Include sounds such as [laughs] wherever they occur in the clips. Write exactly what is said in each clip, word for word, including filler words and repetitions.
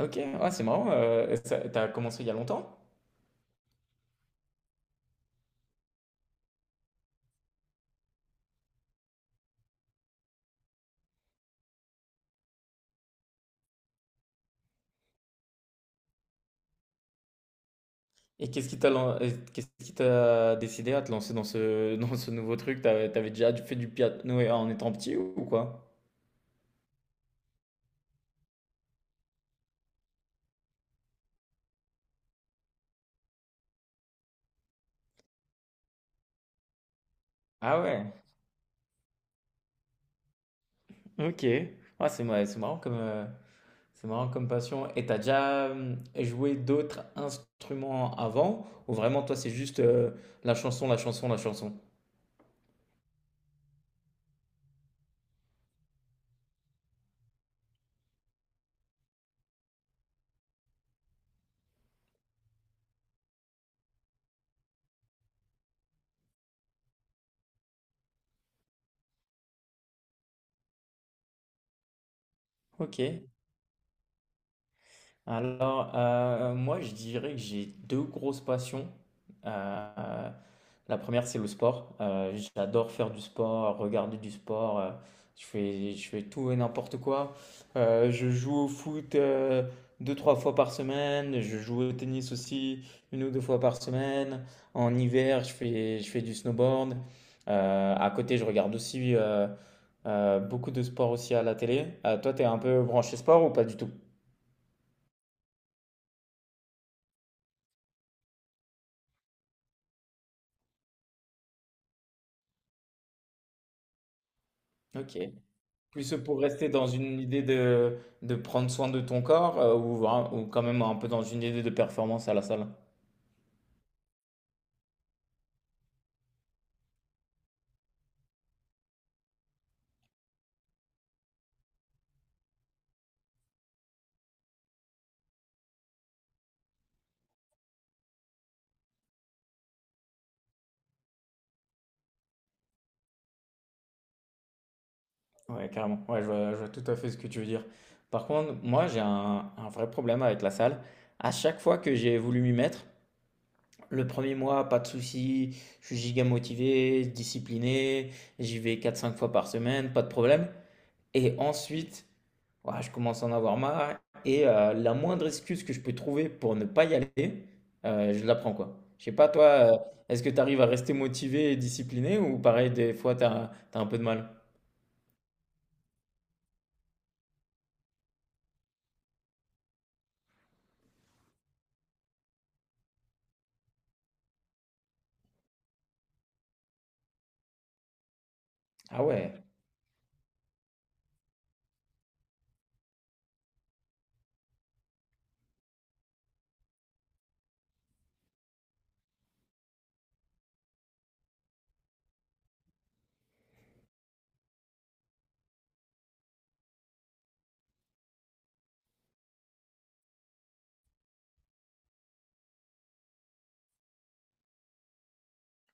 Ok, ah c'est marrant. Euh, ça- t'as commencé il y a longtemps? Et qu'est-ce qui t'a lan- euh, qu'est-ce qui t'a décidé à te lancer dans ce, [laughs] dans ce nouveau truc? T'avais, t'avais déjà fait du piano en étant petit ou ou quoi? Ah ouais, ok. Ah c'est ma- c'est marrant comme, euh, c'est marrant comme passion. Et t'as déjà euh, joué d'autres instruments avant? Ou vraiment, toi, c'est juste euh, la chanson, la chanson, la chanson? Ok. Alors, euh, moi, je dirais que j'ai deux grosses passions. Euh, la première, c'est le sport. Euh, j'adore faire du sport, regarder du sport. Euh, je fais, je fais tout et n'importe quoi. Euh, je joue au foot euh, deux, trois fois par semaine. Je joue au tennis aussi une ou deux fois par semaine. En hiver, je fais, je fais du snowboard. Euh, à côté, je regarde aussi euh, euh, beaucoup de sports aussi à la télé. Euh, toi, t'es un peu branché sport ou pas du tout? Ok. Plus pour rester dans une idée de, de prendre soin de ton corps euh, ou, vra- ou quand même un peu dans une idée de performance à la salle. Ouais, carrément. Ouais, je vois, je vois tout à fait ce que tu veux dire. Par contre, moi, j'ai un, un vrai problème avec la salle. À chaque fois que j'ai voulu m'y mettre, le premier mois, pas de souci, je suis giga motivé, discipliné, j'y vais quatre cinq fois par semaine, pas de problème. Et ensuite, ouah, je commence à en avoir marre. Et euh, la moindre excuse que je peux trouver pour ne pas y aller, euh, je la prends quoi. Je sais pas, toi, euh, est-ce que tu arrives à rester motivé et discipliné ou pareil, des fois, tu as, un peu de mal? Ah ouais.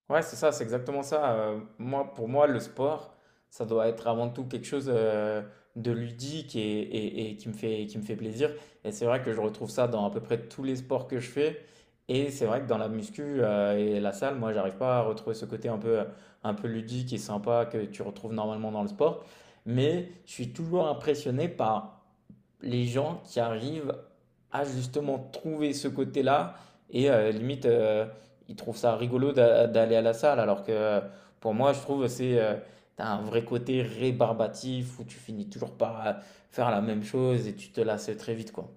Ouais, c'est ça, c'est exactement ça. Euh, moi, pour moi, le sport, ça doit être avant tout quelque chose euh, de ludique et, et- et qui me fait, qui me fait plaisir. Et c'est vrai que je retrouve ça dans à peu près tous les sports que je fais. Et c'est vrai que dans la muscu euh, et la salle, moi, j'arrive pas à retrouver ce côté un peu, un peu ludique et sympa que tu retrouves normalement dans le sport. Mais je suis toujours impressionné par les gens qui arrivent à justement trouver ce côté-là et euh, limite euh, ils trouvent ça rigolo d'a- d'aller à la salle alors que euh, pour moi je trouve c'est euh, t'as un vrai côté rébarbatif où tu finis toujours par euh, faire la même chose et tu te lasses très vite quoi.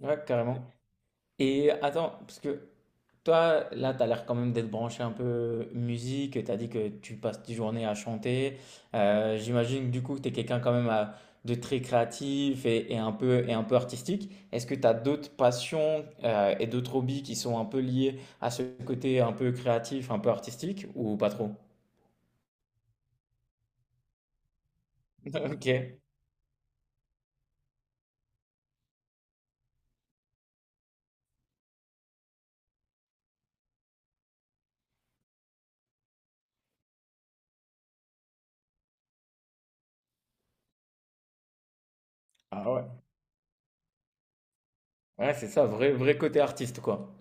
Ouais, carrément. Et attends, parce que toi, là, tu as l'air quand même d'être branché un peu musique. Tu as dit que tu passes tes journées à chanter. Euh, j'imagine que du coup que tu es quelqu'un quand même à- de très créatif et, et un peu, et un peu artistique. Est-ce que tu as d'autres passions euh, et d'autres hobbies qui sont un peu liés à ce côté un peu créatif, un peu artistique ou pas trop? [laughs] Ok. Ah ouais. Ouais, c'est ça, vrai, vrai côté artiste, quoi.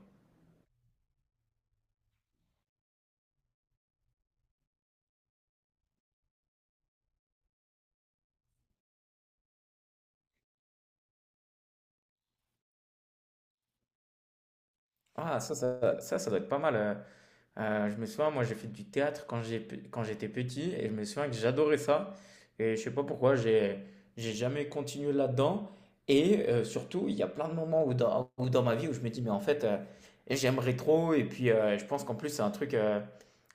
Ah, ça, ça, ça, ça doit être pas mal. euh. Euh, je me souviens, moi j'ai fait du théâtre quand j'ai, quand j'étais petit et je me souviens que j'adorais ça. Et je sais pas pourquoi, j'ai, j'ai jamais continué là-dedans. Et euh, surtout, il y a plein de moments où dans, où dans ma vie où je me dis, mais en fait, euh, j'aimerais trop. Et puis, euh, je pense qu'en plus, c'est un truc euh,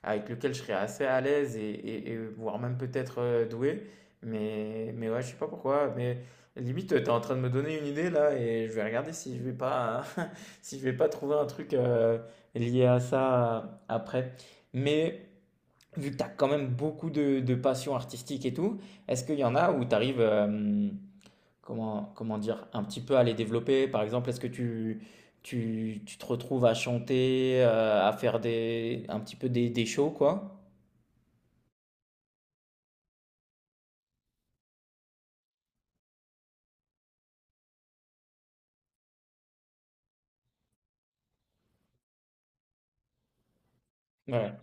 avec lequel je serais assez à l'aise et, et- et voire même peut-être euh, doué. Mais, mais ouais, je sais pas pourquoi. Mais limite, tu es en train de me donner une idée là et je vais regarder si je vais pas, [laughs] si je vais pas trouver un truc. Euh, lié à ça euh, après. Mais vu que tu as quand même beaucoup de, de passion artistique et tout, est-ce qu'il y en a où tu arrives, euh, comment, comment dire, un petit peu à les développer? Par exemple, est-ce que tu, tu, tu te retrouves à chanter, euh, à faire des, un petit peu des, des shows, quoi? Ouais.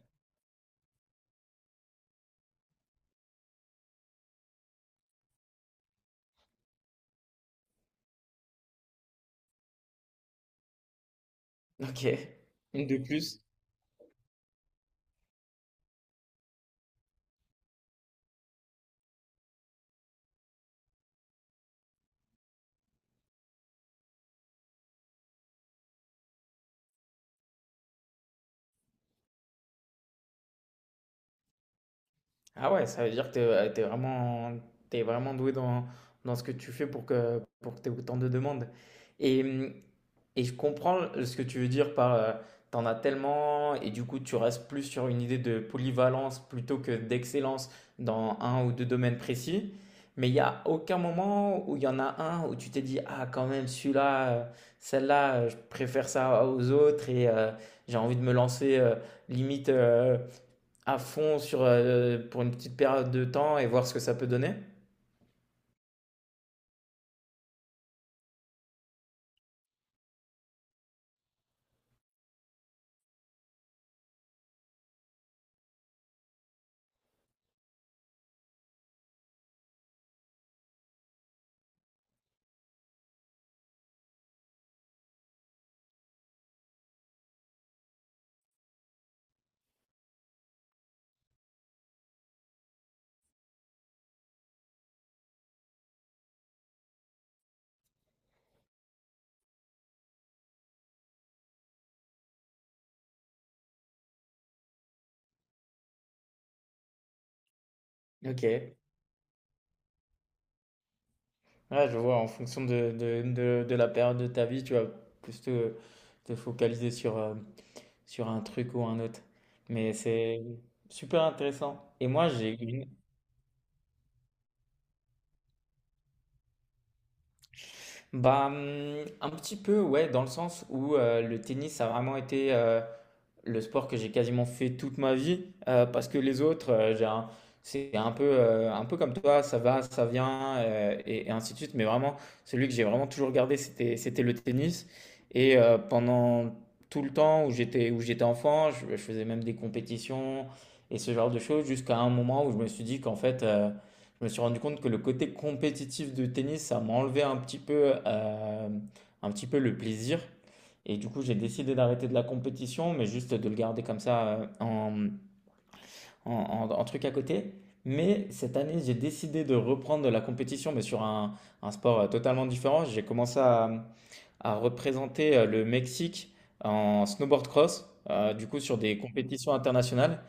Ok. De plus. Ah ouais, ça veut dire que euh, t'es es vraiment, t'es vraiment doué dans, dans ce que tu fais pour que, pour que tu autant de demandes. Et, hum, et je comprends ce que tu veux dire par euh, t'en as tellement et du coup tu restes plus sur une idée de polyvalence plutôt que d'excellence dans un ou deux domaines précis. Mais il n'y a aucun moment où il y en a un où tu t'es dit, ah quand même celui-là, euh, celle-là, euh, je préfère ça aux autres et euh, j'ai envie de me lancer euh, limite. Euh, à fond sur, euh, pour une petite période de temps et voir ce que ça peut donner? Ok. Ouais, je vois, en fonction de, de, de, de la période de ta vie, tu vas plus te, te focaliser sur, euh, sur un truc ou un autre. Mais c'est super intéressant. Et moi, j'ai une... Bah, hum, un petit peu, ouais, dans le sens où euh, le tennis a vraiment été... euh, le sport que j'ai quasiment fait toute ma vie, euh, parce que les autres, euh, j'ai un- c'est un peu, euh, un peu comme toi, ça va, ça vient, euh, et, et ainsi de suite. Mais vraiment, celui que j'ai vraiment toujours gardé, c'était, c'était le tennis. Et euh, pendant tout le temps où j'étais, où j'étais enfant, je, je faisais même des compétitions et ce genre de choses, jusqu'à un moment où je me suis dit qu'en fait, euh, je me suis rendu compte que le côté compétitif du tennis, ça m'enlevait un petit peu, euh, un petit peu le plaisir. Et du coup, j'ai décidé d'arrêter de la compétition, mais juste de le garder comme ça euh, en, en- en- en truc à côté. Mais cette année, j'ai décidé de reprendre de la compétition, mais sur un, un sport euh, totalement différent. J'ai commencé à, à représenter euh, le Mexique en snowboard cross, euh, du coup sur des compétitions internationales.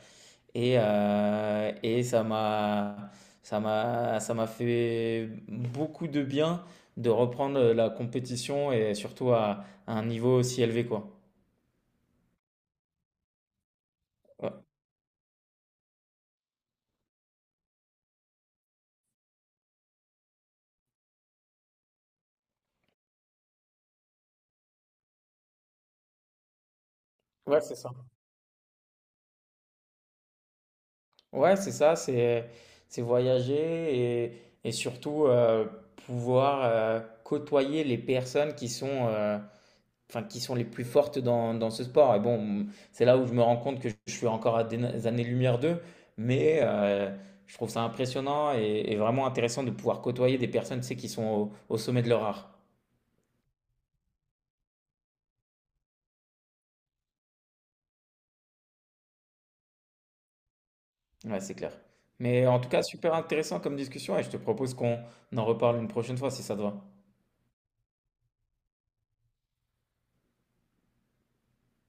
Et, euh, et ça m'a, ça m'a, ça m'a fait beaucoup de bien de reprendre euh, la compétition et surtout à, à un niveau aussi élevé, quoi. Ouais. Ouais, c'est ça. Ouais, c'est ça, c'est c'est voyager et, et surtout euh, pouvoir euh, côtoyer les personnes qui sont, euh, enfin, qui sont les plus fortes dans, dans ce sport. Et bon, c'est là où je me rends compte que je suis encore à des années-lumière d'eux, mais euh, je trouve ça impressionnant et, et vraiment intéressant de pouvoir côtoyer des personnes, tu sais, qui sont au, au sommet de leur art. Ouais, c'est clair. Mais en tout cas, super intéressant comme discussion et je te propose qu'on en reparle une prochaine fois si ça te va.